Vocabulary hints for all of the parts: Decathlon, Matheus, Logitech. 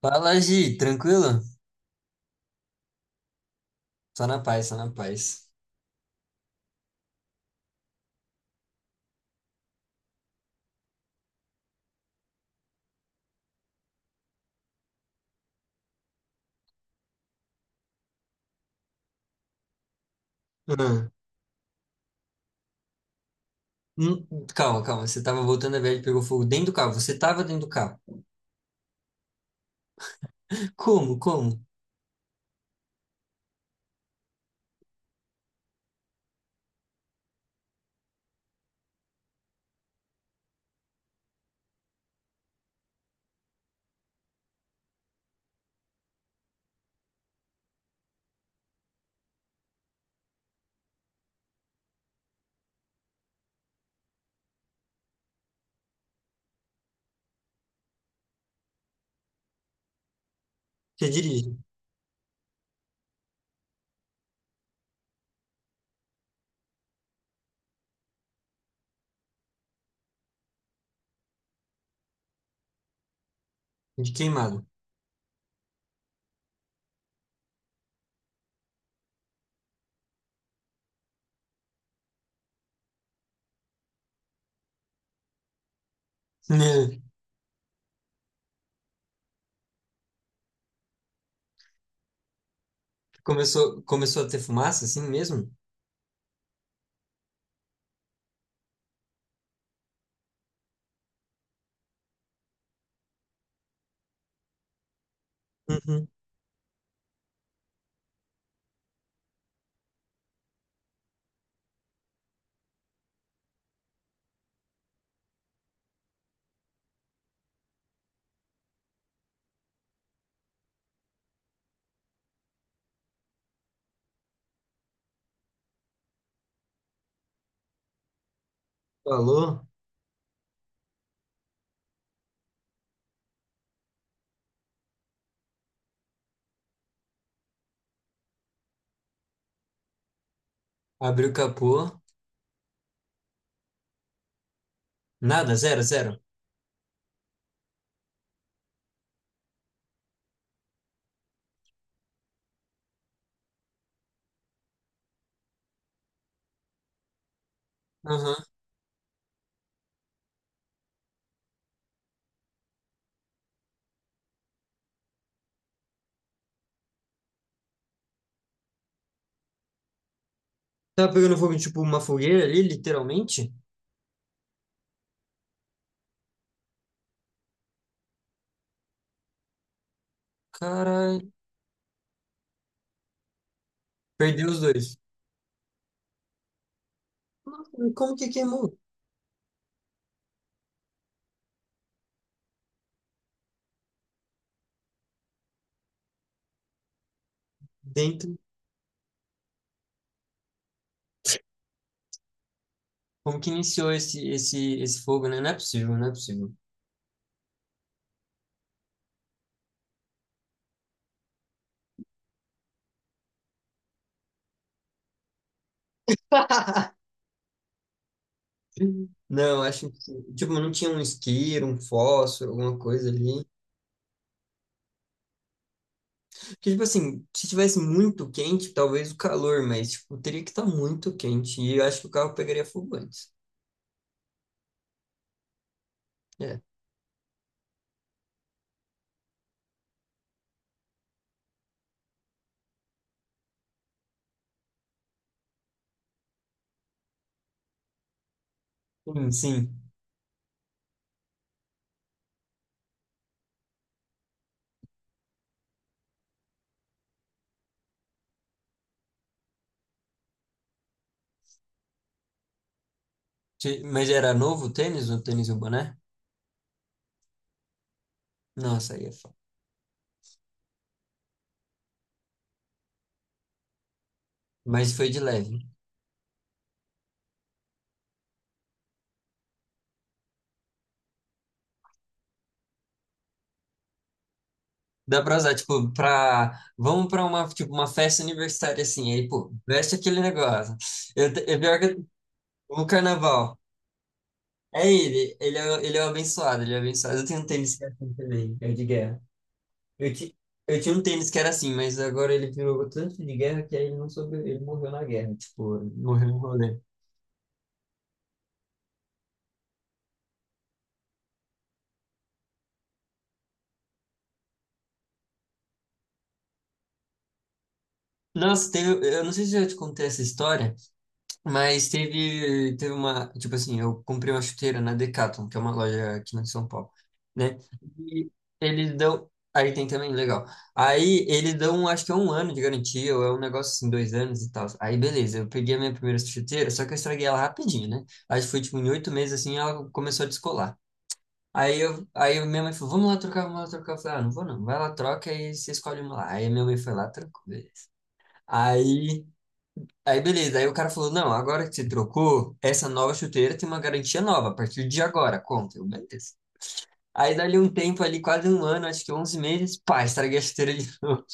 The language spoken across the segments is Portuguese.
Fala, Gi, tranquilo? Só na paz, só na paz. Ah, hum, calma, calma, você tava voltando a viagem e pegou fogo dentro do carro. Você tava dentro do carro. Como, como? Você dirige? De queimado. Né? Começou a ter fumaça assim mesmo? Uhum. Falou, abriu o capô. Nada, zero, zero. Aham. Tava pegando fogo, tipo, uma fogueira ali, literalmente? Caralho, perdeu os dois. Como que queimou? Dentro. Como que iniciou esse fogo, né? Não é possível, não é possível. Não, acho que, tipo, não tinha um isqueiro, um fósforo, alguma coisa ali. Porque, tipo assim, se tivesse muito quente, talvez o calor, mas, tipo, teria que estar muito quente. E eu acho que o carro pegaria fogo antes. É. Sim, sim. Mas era novo o tênis e o boné? Nossa, aí é foda. Mas foi de leve. Dá pra usar, tipo. Vamos pra uma, tipo, uma festa universitária, assim. Aí, pô, veste aquele negócio. É pior que no carnaval. Ele é o abençoado, ele é o abençoado. Eu tenho um tênis que é assim também, é o de guerra. Eu, ti, eu tinha um tênis que era assim, mas agora ele virou tanto de guerra que aí ele não soube, ele morreu na guerra, tipo, morreu no rolê. Nossa, eu não sei se eu já te contei essa história, mas teve uma, tipo assim, eu comprei uma chuteira na Decathlon, que é uma loja aqui em São Paulo, né? E eles dão, aí tem também, legal. Aí eles dão, acho que é um ano de garantia, ou é um negócio assim, 2 anos e tal. Aí beleza, eu peguei a minha primeira chuteira, só que eu estraguei ela rapidinho, né? Aí foi tipo em 8 meses assim, ela começou a descolar. Aí minha mãe falou, vamos lá trocar, vamos lá trocar. Eu falei, ah, não vou não, vai lá, troca e você escolhe uma lá. Aí minha mãe foi lá, trocou, beleza. Aí Aí beleza, aí o cara falou: Não, agora que você trocou, essa nova chuteira tem uma garantia nova, a partir de agora, conta. Eu, beleza. Aí dali um tempo ali, quase um ano, acho que 11 meses, pá, estraguei a chuteira de novo.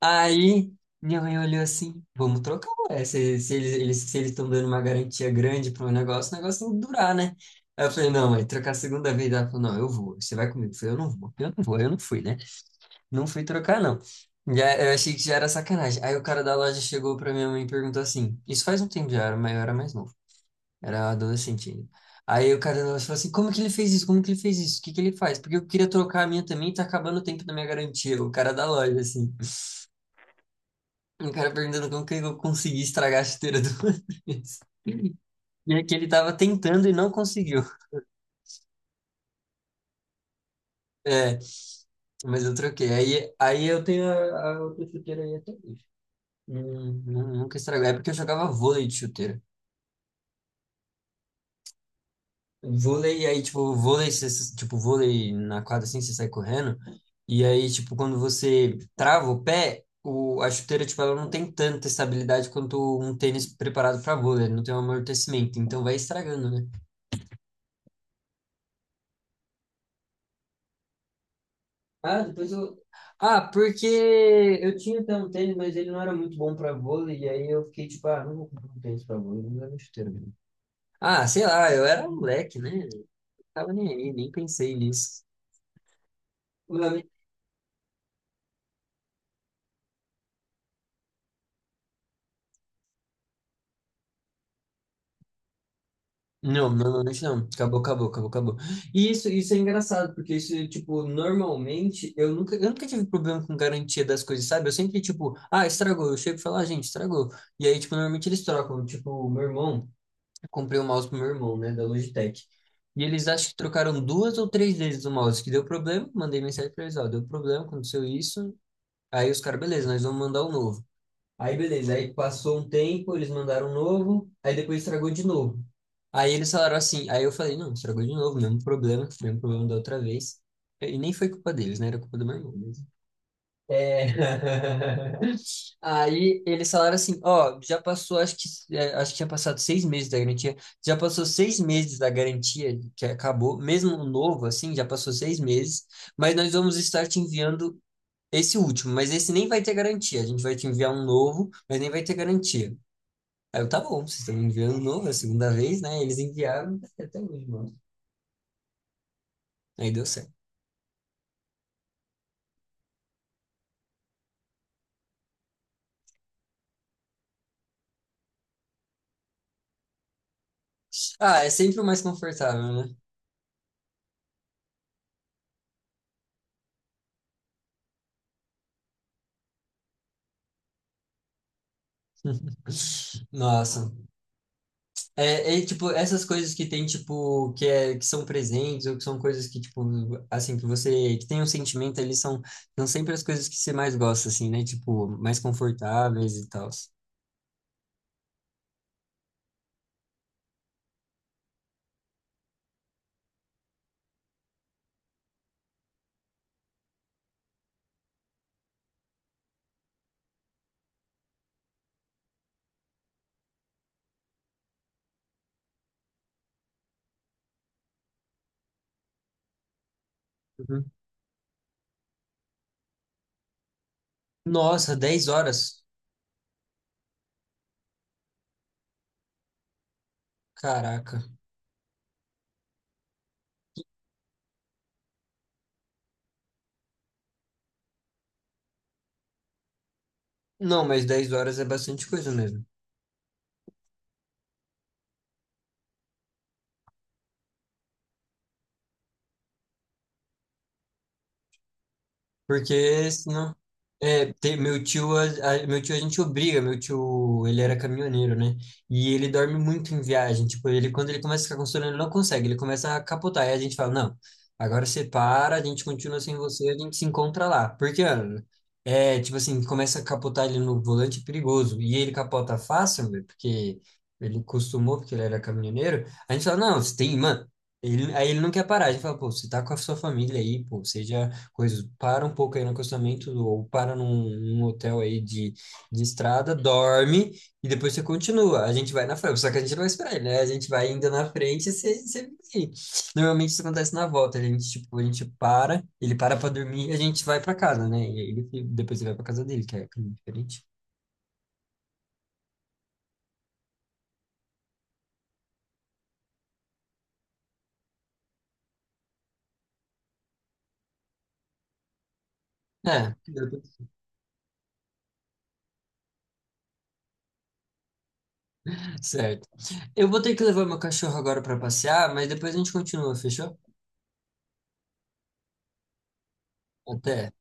Aí minha mãe olhou assim: Vamos trocar, ué. Se eles estão dando uma garantia grande para um negócio, o negócio tem que durar, né? Aí eu falei: Não, mãe, trocar a segunda vez. Ela falou: Não, eu vou, você vai comigo. Eu falei: Eu não vou, eu não vou, eu não fui, né? Não fui trocar, não. Já, eu achei que já era sacanagem. Aí o cara da loja chegou pra minha mãe e perguntou assim: Isso faz um tempo já, era, mas eu era mais novo, era adolescente ainda. Aí o cara da loja falou assim: Como que ele fez isso? Como que ele fez isso? O que que ele faz? Porque eu queria trocar a minha também e tá acabando o tempo da minha garantia. O cara da loja, assim. O cara perguntando como que eu consegui estragar a chuteira do Matheus. E é que ele tava tentando e não conseguiu. É, mas eu troquei. Aí eu tenho a outra chuteira aí até hoje. Nunca estragou. É porque eu jogava vôlei de chuteira. Vôlei, e aí, tipo, vôlei, você, tipo, vôlei na quadra assim, você sai correndo, e aí, tipo, quando você trava o pé, a chuteira, tipo, ela não tem tanta estabilidade quanto um tênis preparado para vôlei, não tem um amortecimento, então vai estragando, né? Ah, depois eu. Ah, porque eu tinha até um tênis, mas ele não era muito bom para vôlei, e aí eu fiquei tipo, ah, não vou comprar um tênis para vôlei, não era chuteira mesmo. Ah, sei lá, eu era um moleque, né? Não tava nem aí, nem pensei nisso. Não, normalmente não. Acabou, acabou, acabou, acabou. E isso é engraçado, porque isso, tipo, normalmente eu nunca tive problema com garantia das coisas, sabe? Eu sempre, tipo, ah, estragou. Eu chego e falo, ah, gente, estragou. E aí, tipo, normalmente eles trocam. Tipo, eu comprei o mouse pro meu irmão, né, da Logitech. E eles acho que trocaram duas ou três vezes o mouse, que deu problema. Mandei mensagem pra eles, ó, deu problema, aconteceu isso. Aí os caras, beleza, nós vamos mandar o novo. Aí beleza, aí passou um tempo, eles mandaram um novo, aí depois estragou de novo. Aí eles falaram assim, aí eu falei, não, estragou de novo, mesmo problema da outra vez. E nem foi culpa deles, né? Era culpa do meu irmão mesmo. É... Aí eles falaram assim, ó, já passou, acho que tinha passado 6 meses da garantia, já passou 6 meses da garantia que acabou, mesmo o novo, assim, já passou 6 meses, mas nós vamos estar te enviando esse último, mas esse nem vai ter garantia. A gente vai te enviar um novo, mas nem vai ter garantia. Aí eu, tá bom, vocês estão me enviando um novo, é a segunda vez, né? Eles enviaram é até hoje, mano. Aí deu certo. Ah, é sempre o mais confortável, né? Nossa. É, tipo, essas coisas que tem, tipo, que são presentes, ou que são coisas que, tipo, assim, que tem um sentimento eles são sempre as coisas que você mais gosta, assim, né? Tipo, mais confortáveis e tal. Nossa, 10 horas? Caraca. Não, mas 10 horas é bastante coisa mesmo. Porque senão. É, meu tio a gente obriga, meu tio, ele era caminhoneiro, né? E ele dorme muito em viagem, tipo, ele quando ele começa a ficar com sono, ele não consegue, ele começa a capotar, e a gente fala, não, agora você para, a gente continua sem você, a gente se encontra lá. Porque, mano, é, tipo assim, começa a capotar ele no volante, é perigoso, e ele capota fácil, velho, porque ele costumou, porque ele era caminhoneiro, a gente fala, não, você tem, mano, aí ele não quer parar, a gente fala, pô, você tá com a sua família aí, pô, seja coisas, para um pouco aí no acostamento ou para num hotel aí de estrada, dorme e depois você continua. A gente vai na frente, só que a gente não vai esperar, ele, né? A gente vai ainda na frente e você vem. Normalmente isso acontece na volta, tipo, a gente para, ele para para dormir e a gente vai para casa, né? E aí depois ele vai para casa dele, que é diferente. É, certo. Eu vou ter que levar meu cachorro agora para passear, mas depois a gente continua, fechou? Até.